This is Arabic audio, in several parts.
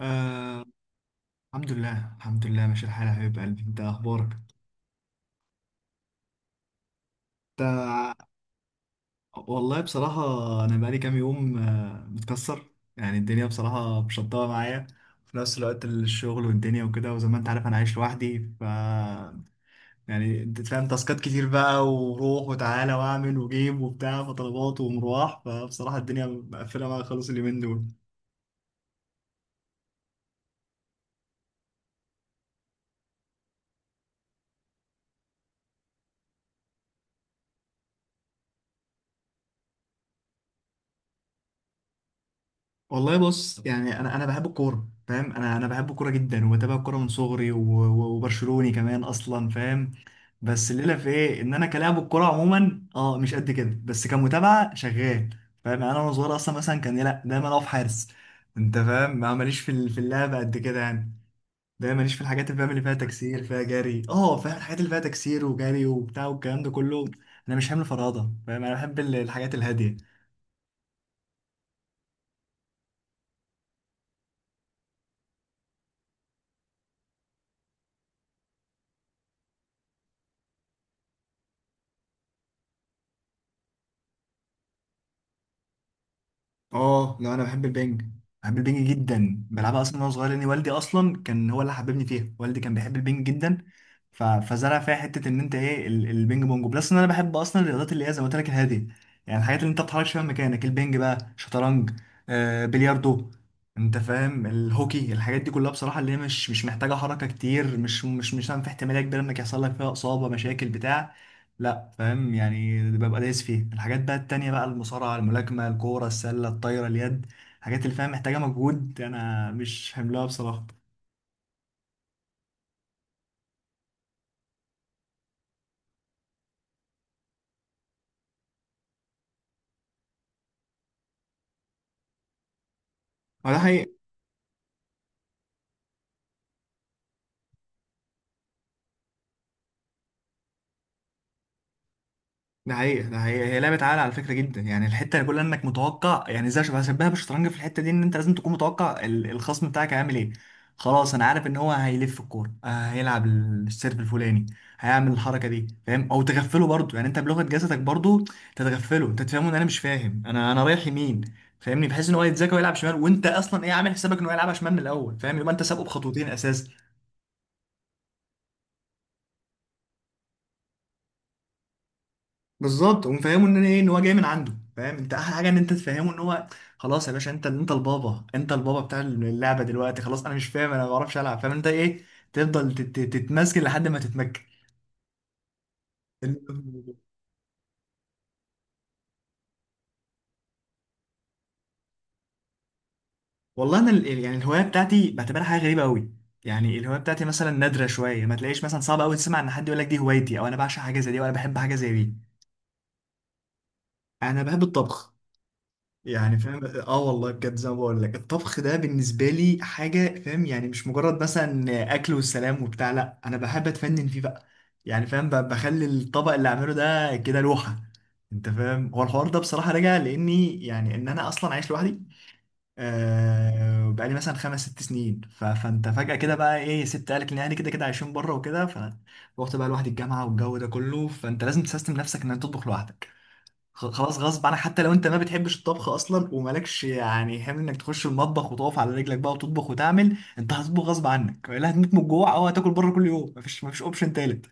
آه، الحمد لله الحمد لله ماشي الحال يا حبيب قلبي، انت اخبارك؟ انت؟ والله بصراحة، انا بقالي كام يوم متكسر. يعني الدنيا بصراحة مشطبة معايا في نفس الوقت، الشغل والدنيا وكده، وزي ما انت عارف انا عايش لوحدي. يعني انت فاهم، تاسكات كتير بقى، وروح وتعالى واعمل وجيب وبتاع، فطلبات ومروح، فبصراحة الدنيا مقفلة معايا خالص اليومين دول. والله بص، يعني انا بحب الكوره. فاهم، انا بحب الكوره جدا، وبتابع الكوره من صغري، و- و- وبرشلوني كمان اصلا، فاهم. بس الليله في ايه، ان انا كلاعب الكوره عموما مش قد كده، بس كمتابعه شغال. فاهم، يعني انا وانا صغير اصلا مثلا كان، لا دايما اقف حارس. انت فاهم، ما ماليش في اللعب قد كده يعني. دايما ماليش في الحاجات اللي فاهم اللي فيها تكسير فيها جري، فاهم، الحاجات اللي فيها تكسير وجري وبتاع والكلام ده كله. انا مش حامل فرهضه، فاهم، انا بحب الحاجات الهاديه. اه، لا انا بحب البنج. بحب البنج جدا بلعبها، اصلا وانا صغير لان والدي اصلا كان هو اللي حببني فيها، والدي كان بيحب البنج جدا. ف... فزرع فيها حته، ان انت ايه، البنج بونج بلس، ان انا بحب اصلا الرياضات اللي هي زي ما قلت لك الهاديه. يعني الحاجات اللي انت ما بتتحركش فيها من مكانك، البنج بقى، شطرنج، بلياردو، انت فاهم الهوكي، الحاجات دي كلها بصراحه، اللي هي مش محتاجه حركه كتير، مش في احتماليه كبيره انك يحصل لك فيها اصابه مشاكل بتاع. لا فاهم، يعني ببقى دايس فيه. الحاجات بقى التانية بقى، المصارعة، الملاكمة، الكورة السلة، الطايرة، اليد، الحاجات اللي فاهم محتاجة مجهود، أنا مش حملها بصراحة. هو ده حقيقي. ده حقيقة ده حقيقة، هي لعبة عقل على فكرة جدا، يعني الحتة اللي كلها انك متوقع، يعني زي، بشبهها بالشطرنج في الحتة دي، ان انت لازم تكون متوقع الخصم بتاعك هيعمل ايه. خلاص انا عارف ان هو هيلف الكورة، هيلعب السيرف الفلاني، هيعمل الحركة دي، فاهم، او تغفله برضو، يعني انت بلغة جسدك برضو تتغفله، انت تفهمه ان انا مش فاهم، انا رايح يمين، فاهمني، بحيث ان هو يتذاكى ويلعب شمال، وانت اصلا ايه، عامل حسابك ان هو يلعبها شمال من الاول، فاهم، يبقى انت سابقه بخطوتين اساسا. بالظبط، ومفهمه ان انا ايه، ان هو جاي من عنده، فاهم، انت احلى حاجه ان انت تفهمه ان هو خلاص يا باشا، انت البابا، انت البابا بتاع اللعبه دلوقتي، خلاص انا مش فاهم، انا ما بعرفش العب، فاهم انت ايه، تفضل تتمسك لحد ما تتمكن. ال- والله انا يعني الهوايه بتاعتي بعتبرها حاجه غريبه قوي. يعني الهوايه بتاعتي مثلا نادره شويه، ما تلاقيش مثلا، صعب قوي تسمع ان حد يقول لك دي هوايتي، او انا بعشق حاجه زي دي، او انا بحب حاجه زي دي. انا بحب الطبخ. يعني فاهم، اه والله بجد، زي ما بقول لك، الطبخ ده بالنسبه لي حاجه، فاهم، يعني مش مجرد مثلا اكل والسلام وبتاع، لا انا بحب اتفنن فيه بقى، يعني فاهم، بخلي الطبق اللي اعمله ده كده لوحه. انت فاهم، هو الحوار ده بصراحه راجع لاني يعني، ان انا اصلا عايش لوحدي. بقالي مثلا 5 6 سنين، فانت فجاه كده بقى ايه، سبت اهلك، ان اهلي كده كده عايشين بره وكده، فروحت بقى لوحدي الجامعه والجو ده كله، فانت لازم تسيستم نفسك ان انت تطبخ لوحدك. خلاص غصب عنك، حتى لو انت ما بتحبش الطبخ اصلا، ومالكش يعني هم انك تخش المطبخ وتقف على رجلك بقى، وتطبخ وتعمل، انت هتطبخ غصب عنك، لا هتموت من الجوع، او هتاكل بره كل يوم، مفيش اوبشن تالت.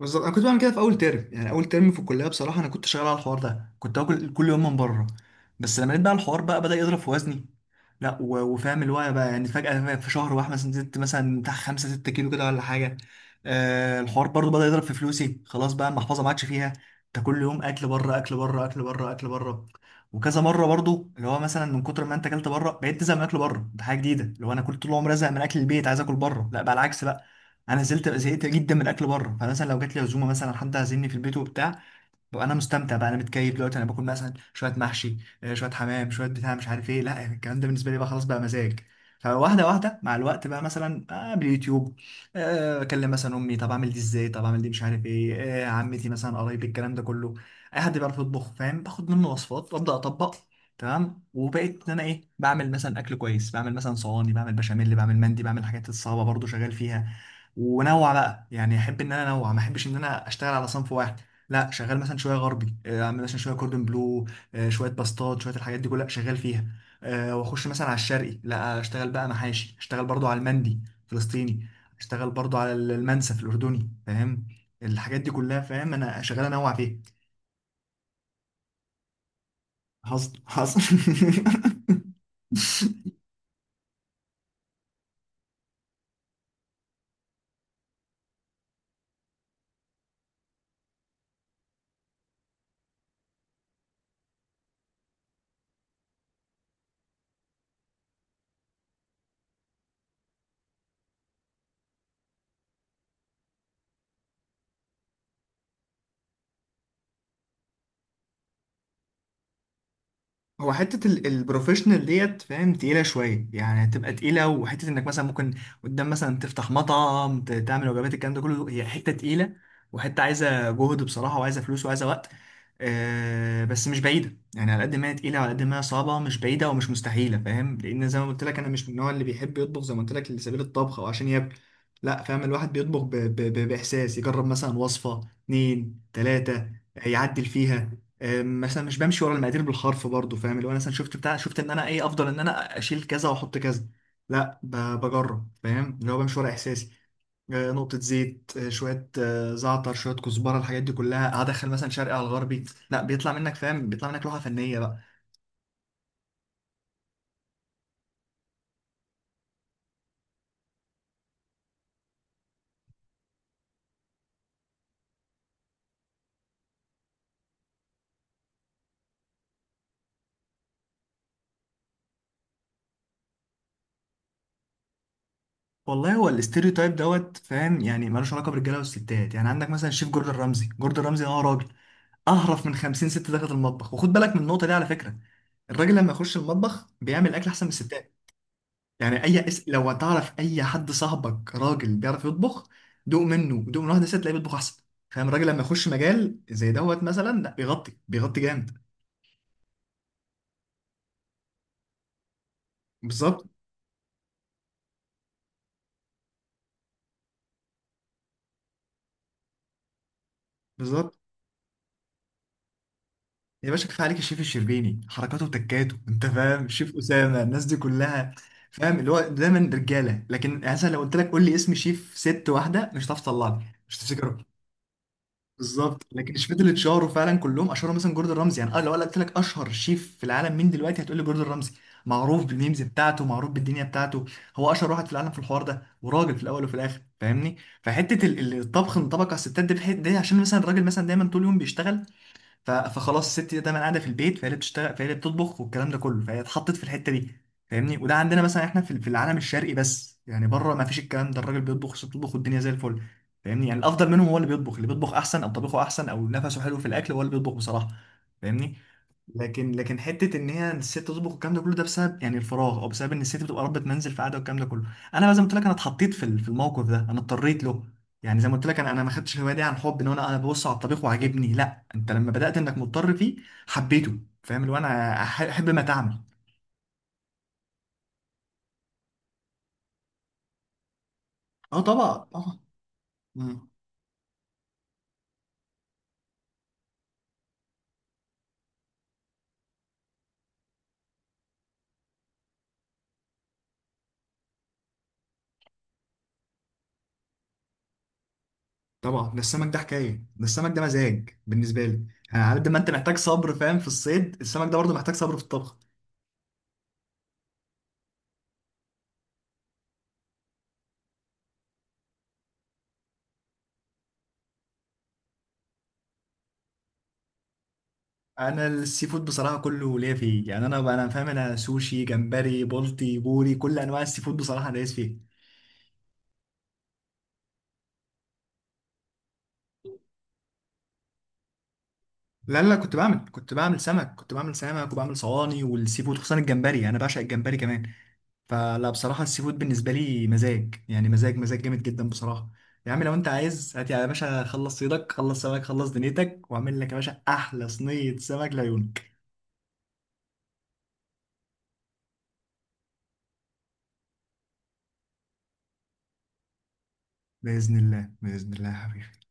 بالظبط. انا كنت بعمل كده في اول ترم، يعني اول ترم في الكليه بصراحه، انا كنت شغال على الحوار ده، كنت اكل كل يوم من بره. بس لما لقيت بقى الحوار بقى بدا يضرب في وزني، لا وفاهم اللي هو بقى، يعني فجاه في شهر واحد مثلا زدت مثلا بتاع 5 6 كيلو كده ولا حاجه. الحوار برضو بدا يضرب في فلوسي، خلاص بقى المحفظه ما عادش فيها. انت كل يوم اكل بره اكل بره اكل بره اكل بره، وكذا مره برضو، اللي هو مثلا من كتر ما انت اكلت بره بقيت تزهق من اكل بره، ده حاجه جديده، اللي هو انا كنت طول عمري ازهق من اكل البيت عايز اكل بره، لا بقى العكس. انا زلت زهقت جدا من الاكل بره، فمثلا لو جات لي عزومه مثلا حد عازمني في البيت وبتاع، وانا مستمتع بقى، انا متكيف دلوقتي، انا باكل مثلا شويه محشي، شويه حمام، شويه بتاع مش عارف ايه، لا يعني الكلام ده بالنسبه لي بقى خلاص بقى مزاج. فواحده واحده مع الوقت بقى، مثلا باليوتيوب، اكلم مثلا امي، طب اعمل دي ازاي، طب اعمل دي مش عارف ايه، عمتي مثلا، قرايبي، الكلام ده كله، اي حد بيعرف يطبخ، فاهم، باخد منه وصفات وابدا اطبق. تمام، وبقيت ان انا ايه، بعمل مثلا اكل كويس، بعمل مثلا صواني، بعمل بشاميل، بعمل مندي، بعمل الحاجات الصعبه برضو شغال فيها. ونوع بقى، يعني احب ان انا انوع، ما احبش ان انا اشتغل على صنف واحد. لا شغال مثلا شويه غربي، اعمل مثلا شويه كوردون بلو، شويه باستات، شويه الحاجات دي كلها شغال فيها، واخش مثلا على الشرقي، لا اشتغل بقى محاشي، اشتغل برضو على المندي فلسطيني، اشتغل برضو على المنسف الاردني، فاهم، الحاجات دي كلها، فاهم انا شغال انوع فيها. حصل حصل. هو حتة البروفيشنال ديت فاهم، تقيلة شوية، يعني هتبقى تقيلة، وحتة انك مثلا ممكن قدام مثلا تفتح مطعم، تعمل وجبات، الكلام ده كله، هي حتة تقيلة، وحتة عايزة جهد بصراحة، وعايزة فلوس وعايزة وقت. بس مش بعيدة، يعني على قد ما هي تقيلة وعلى قد ما هي صعبة، مش بعيدة ومش مستحيلة، فاهم، لأن زي ما قلت لك، أنا مش من النوع اللي بيحب يطبخ زي ما قلت لك لسبيل الطبخ أو عشان ياكل. لا فاهم، الواحد بيطبخ بإحساس، يجرب مثلا وصفة اتنين تلاتة، يعدل فيها. مثلا مش بمشي ورا المقادير بالحرف برضه، فاهم اللي هو أنا مثلا شفت بتاع، شفت ان انا ايه، افضل ان انا اشيل كذا واحط كذا، لا بجرب، فاهم اللي هو بمشي ورا احساسي. نقطة زيت، شوية زعتر، شوية كزبرة، الحاجات دي كلها هدخل مثلا شرقي على الغربي. لا بيطلع منك، فاهم، بيطلع منك لوحة فنية بقى. والله هو الاستيريوتايب دوت، فاهم، يعني ملوش علاقة بالرجالة والستات، يعني عندك مثلا الشيف جوردن رمزي. جوردن رمزي راجل اهرف من 50 ست دخلت المطبخ، وخد بالك من النقطة دي على فكرة، الراجل لما يخش المطبخ بيعمل اكل احسن من الستات. يعني لو تعرف اي حد صاحبك راجل بيعرف يطبخ، دوق منه، دوق من واحده ست، تلاقيه بيطبخ احسن، فاهم، الراجل لما يخش مجال زي دوت مثلا، لا بيغطي بيغطي جامد. بالظبط بالظبط. يا باشا كفايه عليك الشيف الشربيني، حركاته وتكاته، انت فاهم، الشيف اسامه، الناس دي كلها، فاهم اللي هو دايما رجاله، لكن يعني مثلا لو قلت لك قول لي اسم شيف ست واحده، مش هتعرف تطلعني، مش تفتكره. بالظبط، لكن الشيفات اللي اتشهروا فعلا كلهم اشهروا، مثلا جوردن رامزي، يعني انا لو قلت لك اشهر شيف في العالم مين دلوقتي، هتقول لي جوردن رامزي. معروف بالميمز بتاعته، معروف بالدنيا بتاعته، هو اشهر واحد في العالم في الحوار ده، وراجل في الاول وفي الاخر، فاهمني. فحته الطبخ انطبق على الستات دي بحته دي، عشان مثلا الراجل مثلا دايما طول اليوم بيشتغل، فخلاص الست دي دايما قاعده في البيت، فهي اللي بتشتغل، فهي اللي بتطبخ، والكلام ده كله، فهي اتحطت في الحته دي، فاهمني. وده عندنا مثلا احنا في العالم الشرقي بس، يعني بره ما فيش الكلام ده، الراجل بيطبخ، الست بتطبخ، والدنيا زي الفل، فاهمني، يعني الافضل منهم هو اللي بيطبخ، اللي بيطبخ احسن، او طبيخه احسن، او نفسه حلو في الاكل، هو اللي بيطبخ بصراحه، فاهمني. لكن حته ان هي الست تطبخ والكلام ده كله، ده بسبب يعني الفراغ، او بسبب ان الست بتبقى ربة منزل في قاعده والكلام ده كله. انا بقى زي ما قلت لك، انا اتحطيت في الموقف ده، انا اضطريت له. يعني زي ما قلت لك، انا ما خدتش الهوايه دي عن حب، ان هو انا ببص على الطبيخ وعاجبني، لا انت لما بدات انك مضطر فيه حبيته، فاهم اللي هو انا احب ما تعمل. اه طبعا طبعا. مم. طبعا ده السمك ده حكايه، ده السمك ده مزاج بالنسبه لي، يعني عارف ده، ما انت محتاج صبر، فاهم، في الصيد السمك ده برضه محتاج صبر في الطبخ. انا السي فود بصراحه كله ليا فيه، يعني انا فاهم، انا سوشي، جمبري، بولتي، بوري، كل انواع السي فود بصراحه انا دايس فيه. لا لا، كنت بعمل سمك، كنت بعمل سمك وبعمل صواني، والسي فود خصوصا الجمبري، يعني انا بعشق الجمبري كمان. فلا بصراحه، السي فود بالنسبه لي مزاج، يعني مزاج مزاج جامد جدا بصراحه. يا عم لو انت عايز، هات يا باشا، خلص صيدك، خلص سمك، خلص دنيتك، واعمل لك يا باشا احلى صينيه سمك لعيونك. باذن الله، باذن الله يا حبيبي.